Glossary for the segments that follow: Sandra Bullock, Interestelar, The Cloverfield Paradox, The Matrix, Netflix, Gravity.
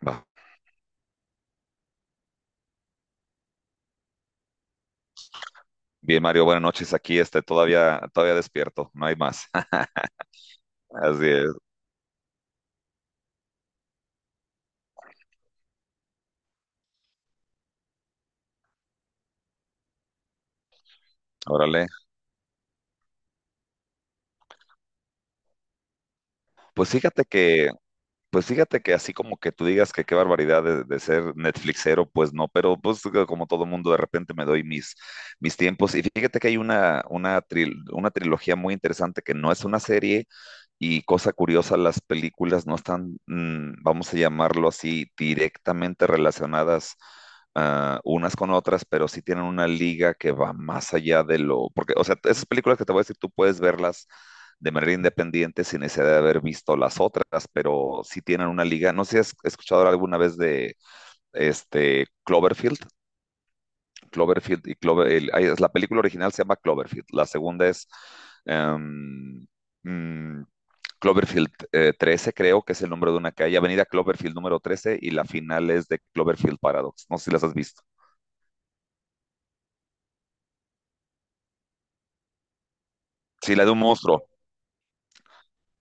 Va. Bien, Mario, buenas noches. Aquí todavía despierto, no hay más. Así es, órale. Pues fíjate que Pues fíjate que así como que tú digas que qué barbaridad de ser Netflixero, pues no, pero pues que como todo mundo de repente me doy mis tiempos. Y fíjate que hay una trilogía muy interesante que no es una serie, y cosa curiosa, las películas no están, vamos a llamarlo así, directamente relacionadas unas con otras, pero sí tienen una liga que va más allá de lo, porque, o sea, esas películas que te voy a decir, tú puedes verlas de manera independiente sin necesidad de haber visto las otras, pero sí tienen una liga. No sé si has escuchado alguna vez de este Cloverfield, Cloverfield y Clover, ay, es la película original, se llama Cloverfield, la segunda es em, mm, Cloverfield 13, creo que es el nombre de una calle, Avenida Cloverfield número 13, y la final es de Cloverfield Paradox. No sé si las has visto. Sí, la de un monstruo,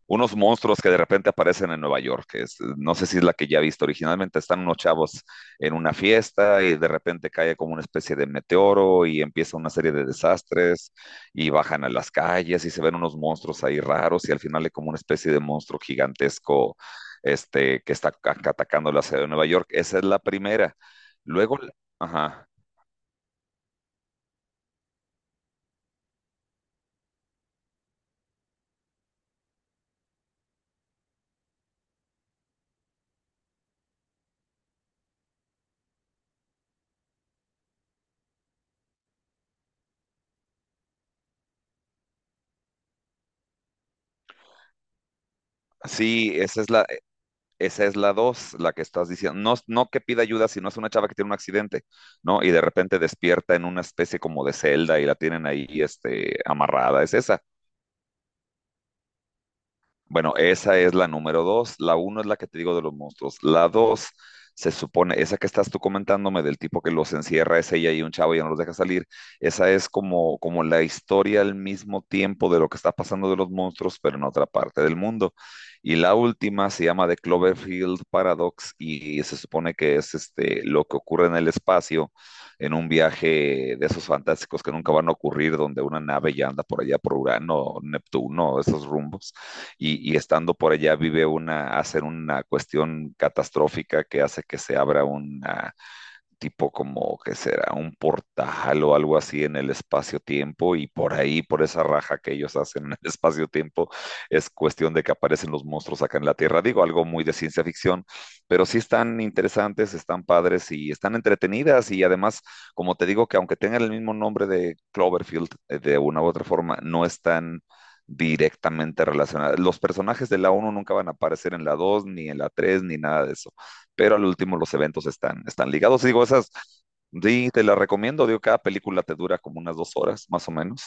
unos monstruos que de repente aparecen en Nueva York, no sé si es la que ya he visto originalmente. Están unos chavos en una fiesta y de repente cae como una especie de meteoro y empieza una serie de desastres y bajan a las calles y se ven unos monstruos ahí raros y al final hay como una especie de monstruo gigantesco que está atacando la ciudad de Nueva York. Esa es la primera. Luego, ajá. Sí, esa es la dos, la que estás diciendo. No, no que pida ayuda, sino es una chava que tiene un accidente, ¿no? Y de repente despierta en una especie como de celda y la tienen ahí, amarrada. Es esa. Bueno, esa es la número dos. La uno es la que te digo de los monstruos. La dos, se supone, esa que estás tú comentándome del tipo que los encierra, es ella y un chavo y ya no los deja salir. Esa es como, como la historia al mismo tiempo de lo que está pasando de los monstruos, pero en otra parte del mundo. Y la última se llama The Cloverfield Paradox y se supone que es lo que ocurre en el espacio, en un viaje de esos fantásticos que nunca van a ocurrir, donde una nave ya anda por allá por Urano, Neptuno, esos rumbos, y estando por allá hacen una cuestión catastrófica que hace que se abra una tipo como que será un portal o algo así en el espacio-tiempo, y por ahí, por esa raja que ellos hacen en el espacio-tiempo, es cuestión de que aparecen los monstruos acá en la Tierra. Digo, algo muy de ciencia ficción, pero sí están interesantes, están padres y están entretenidas y además, como te digo, que aunque tengan el mismo nombre de Cloverfield, de una u otra forma, no están directamente relacionadas. Los personajes de la uno nunca van a aparecer en la 2 ni en la 3 ni nada de eso, pero al último los eventos están, están ligados. Digo, sí, te las recomiendo, digo, cada película te dura como unas 2 horas, más o menos.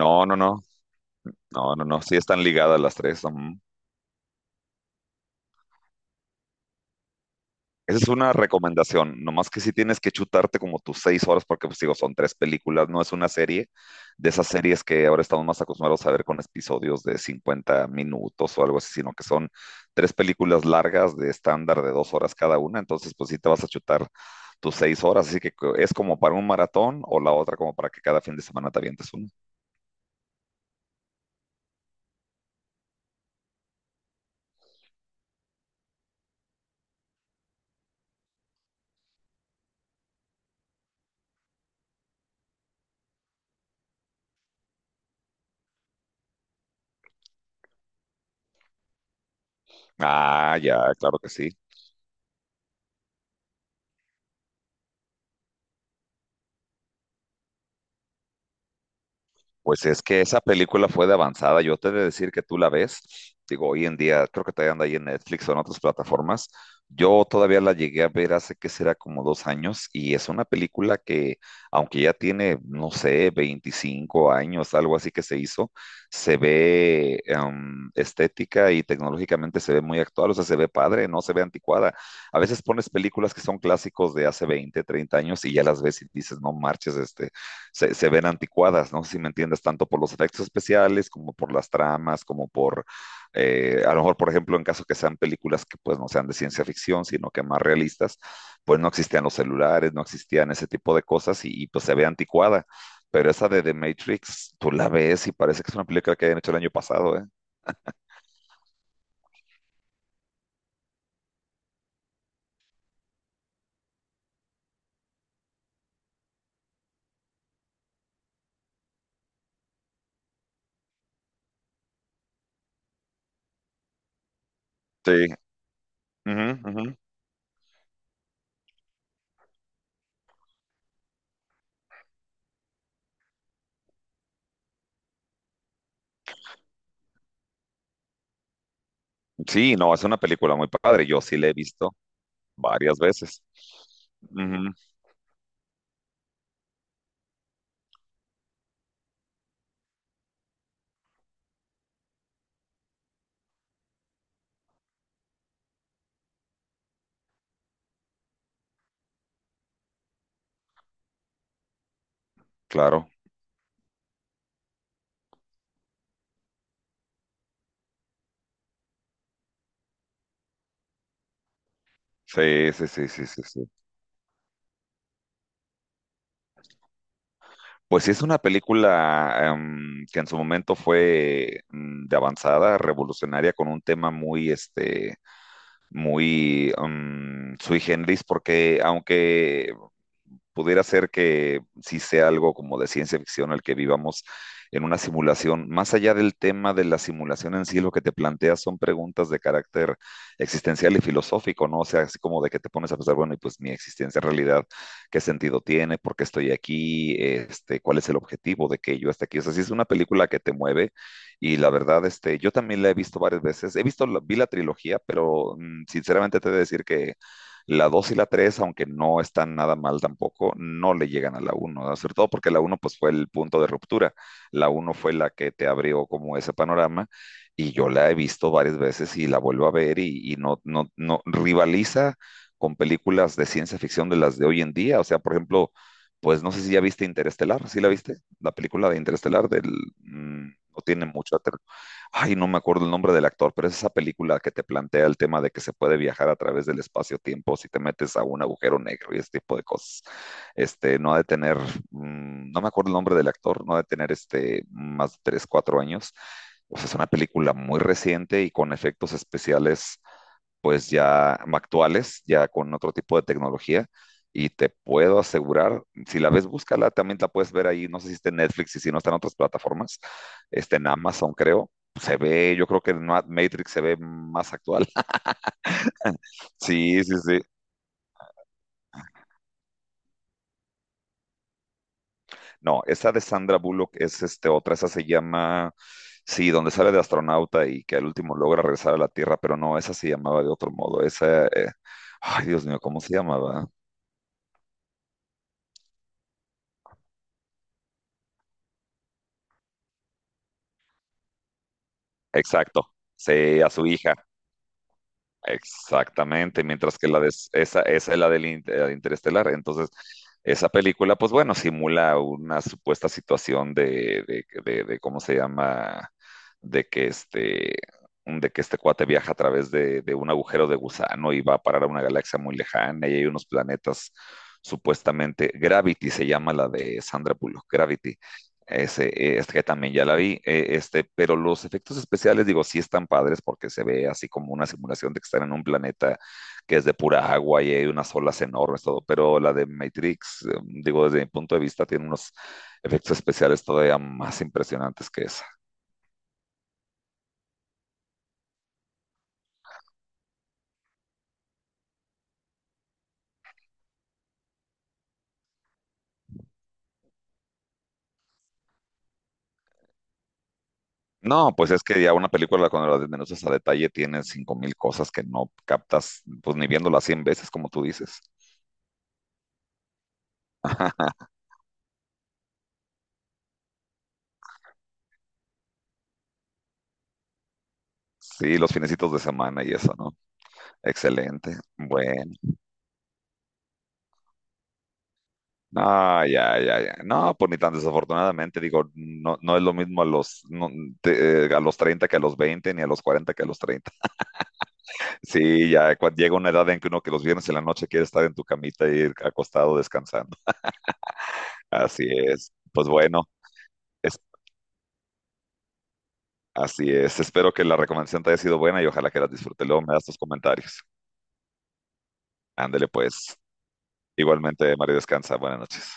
No, no, no, no, no, no, sí están ligadas las tres. Ujú. Esa es una recomendación, nomás que si tienes que chutarte como tus 6 horas, porque pues digo, son tres películas, no es una serie de esas series que ahora estamos más acostumbrados a ver con episodios de 50 minutos o algo así, sino que son tres películas largas de estándar de 2 horas cada una, entonces pues sí te vas a chutar tus 6 horas, así que es como para un maratón o la otra como para que cada fin de semana te avientes uno. Ah, ya, claro que sí. Pues es que esa película fue de avanzada. Yo te he de decir que tú la ves. Digo, hoy en día, creo que todavía anda ahí en Netflix o en otras plataformas. Yo todavía la llegué a ver hace que será como 2 años y es una película que, aunque ya tiene, no sé, 25 años, algo así que se hizo, se ve estética y tecnológicamente se ve muy actual, o sea, se ve padre, no se ve anticuada. A veces pones películas que son clásicos de hace 20, 30 años y ya las ves y dices, no marches, ven anticuadas, no sé si me entiendes, tanto por los efectos especiales como por las tramas, como por, a lo mejor, por ejemplo, en caso que sean películas que pues no sean de ciencia ficción, sino que más realistas, pues no existían los celulares, no existían ese tipo de cosas, y pues se ve anticuada. Pero esa de The Matrix, tú la ves y parece que es una película que habían hecho el año pasado, ¿eh? Sí. Ujú, ujú. Sí, no, es una película muy padre. Yo sí la he visto varias veces. Ujú, claro. Sí, sí, sí, sí, sí, sí. Pues sí, es una película que en su momento fue de avanzada, revolucionaria, con un tema muy, muy sui generis, porque aunque pudiera ser que sí sea algo como de ciencia ficción el que vivamos en una simulación. Más allá del tema de la simulación en sí, lo que te planteas son preguntas de carácter existencial y filosófico, ¿no? O sea, así como de que te pones a pensar, bueno, y pues mi existencia en realidad, ¿qué sentido tiene? ¿Por qué estoy aquí? ¿Cuál es el objetivo de que yo esté aquí? O sea, sí es una película que te mueve, y la verdad, yo también la he visto varias veces. Vi la trilogía, pero sinceramente te he de decir que la 2 y la 3 aunque no están nada mal tampoco, no le llegan a la uno, ¿no? Sobre todo porque la uno, pues, fue el punto de ruptura. La uno fue la que te abrió como ese panorama, y yo la he visto varias veces y la vuelvo a ver, y no, no, no rivaliza con películas de ciencia ficción de las de hoy en día. O sea, por ejemplo, pues no sé si ya viste Interestelar, ¿sí la viste? La película de Interestelar no tiene mucho, ay, no me acuerdo el nombre del actor, pero es esa película que te plantea el tema de que se puede viajar a través del espacio-tiempo si te metes a un agujero negro y ese tipo de cosas. No ha de tener, no me acuerdo el nombre del actor, no ha de tener más de 3, 4 años. O sea, es una película muy reciente y con efectos especiales pues ya actuales, ya con otro tipo de tecnología. Y te puedo asegurar, si la ves, búscala, también la puedes ver ahí, no sé si está en Netflix y si no, está en otras plataformas, está en Amazon, creo. Se ve, yo creo que en Matrix se ve más actual. Sí, sí, sí. No, esa de Sandra Bullock es otra, esa se llama, sí, donde sale de astronauta y que al último logra regresar a la Tierra, pero no, esa se llamaba de otro modo. Esa, ay, Dios mío, ¿cómo se llamaba? Exacto, sí, a su hija. Exactamente, mientras que la esa es la Interestelar. Entonces, esa película, pues bueno, simula una supuesta situación de, ¿cómo se llama? De que este, de que este cuate viaja a través de un agujero de gusano y va a parar a una galaxia muy lejana y hay unos planetas supuestamente, Gravity se llama la de Sandra Bullock, Gravity ese, este que también ya la vi, pero los efectos especiales, digo, sí están padres porque se ve así como una simulación de que están en un planeta que es de pura agua y hay unas olas enormes, todo, pero la de Matrix, digo, desde mi punto de vista, tiene unos efectos especiales todavía más impresionantes que esa. No, pues es que ya una película cuando la desmenuzas a detalle tiene 5000 cosas que no captas, pues ni viéndola 100 veces, como tú dices. Sí, los finecitos de semana y eso, ¿no? Excelente. Bueno. No, ya, ya, ya. No, pues ni tan desafortunadamente, digo, no, no es lo mismo a los, no, a los 30 que a los 20 ni a los 40 que a los 30. Sí, ya cuando llega una edad en que uno que los viernes en la noche quiere estar en tu camita y ir acostado descansando. Así es. Pues bueno, es, así es. Espero que la recomendación te haya sido buena y ojalá que la disfrutes. Luego me das tus comentarios. Ándele pues. Igualmente, Mario, descansa. Buenas noches.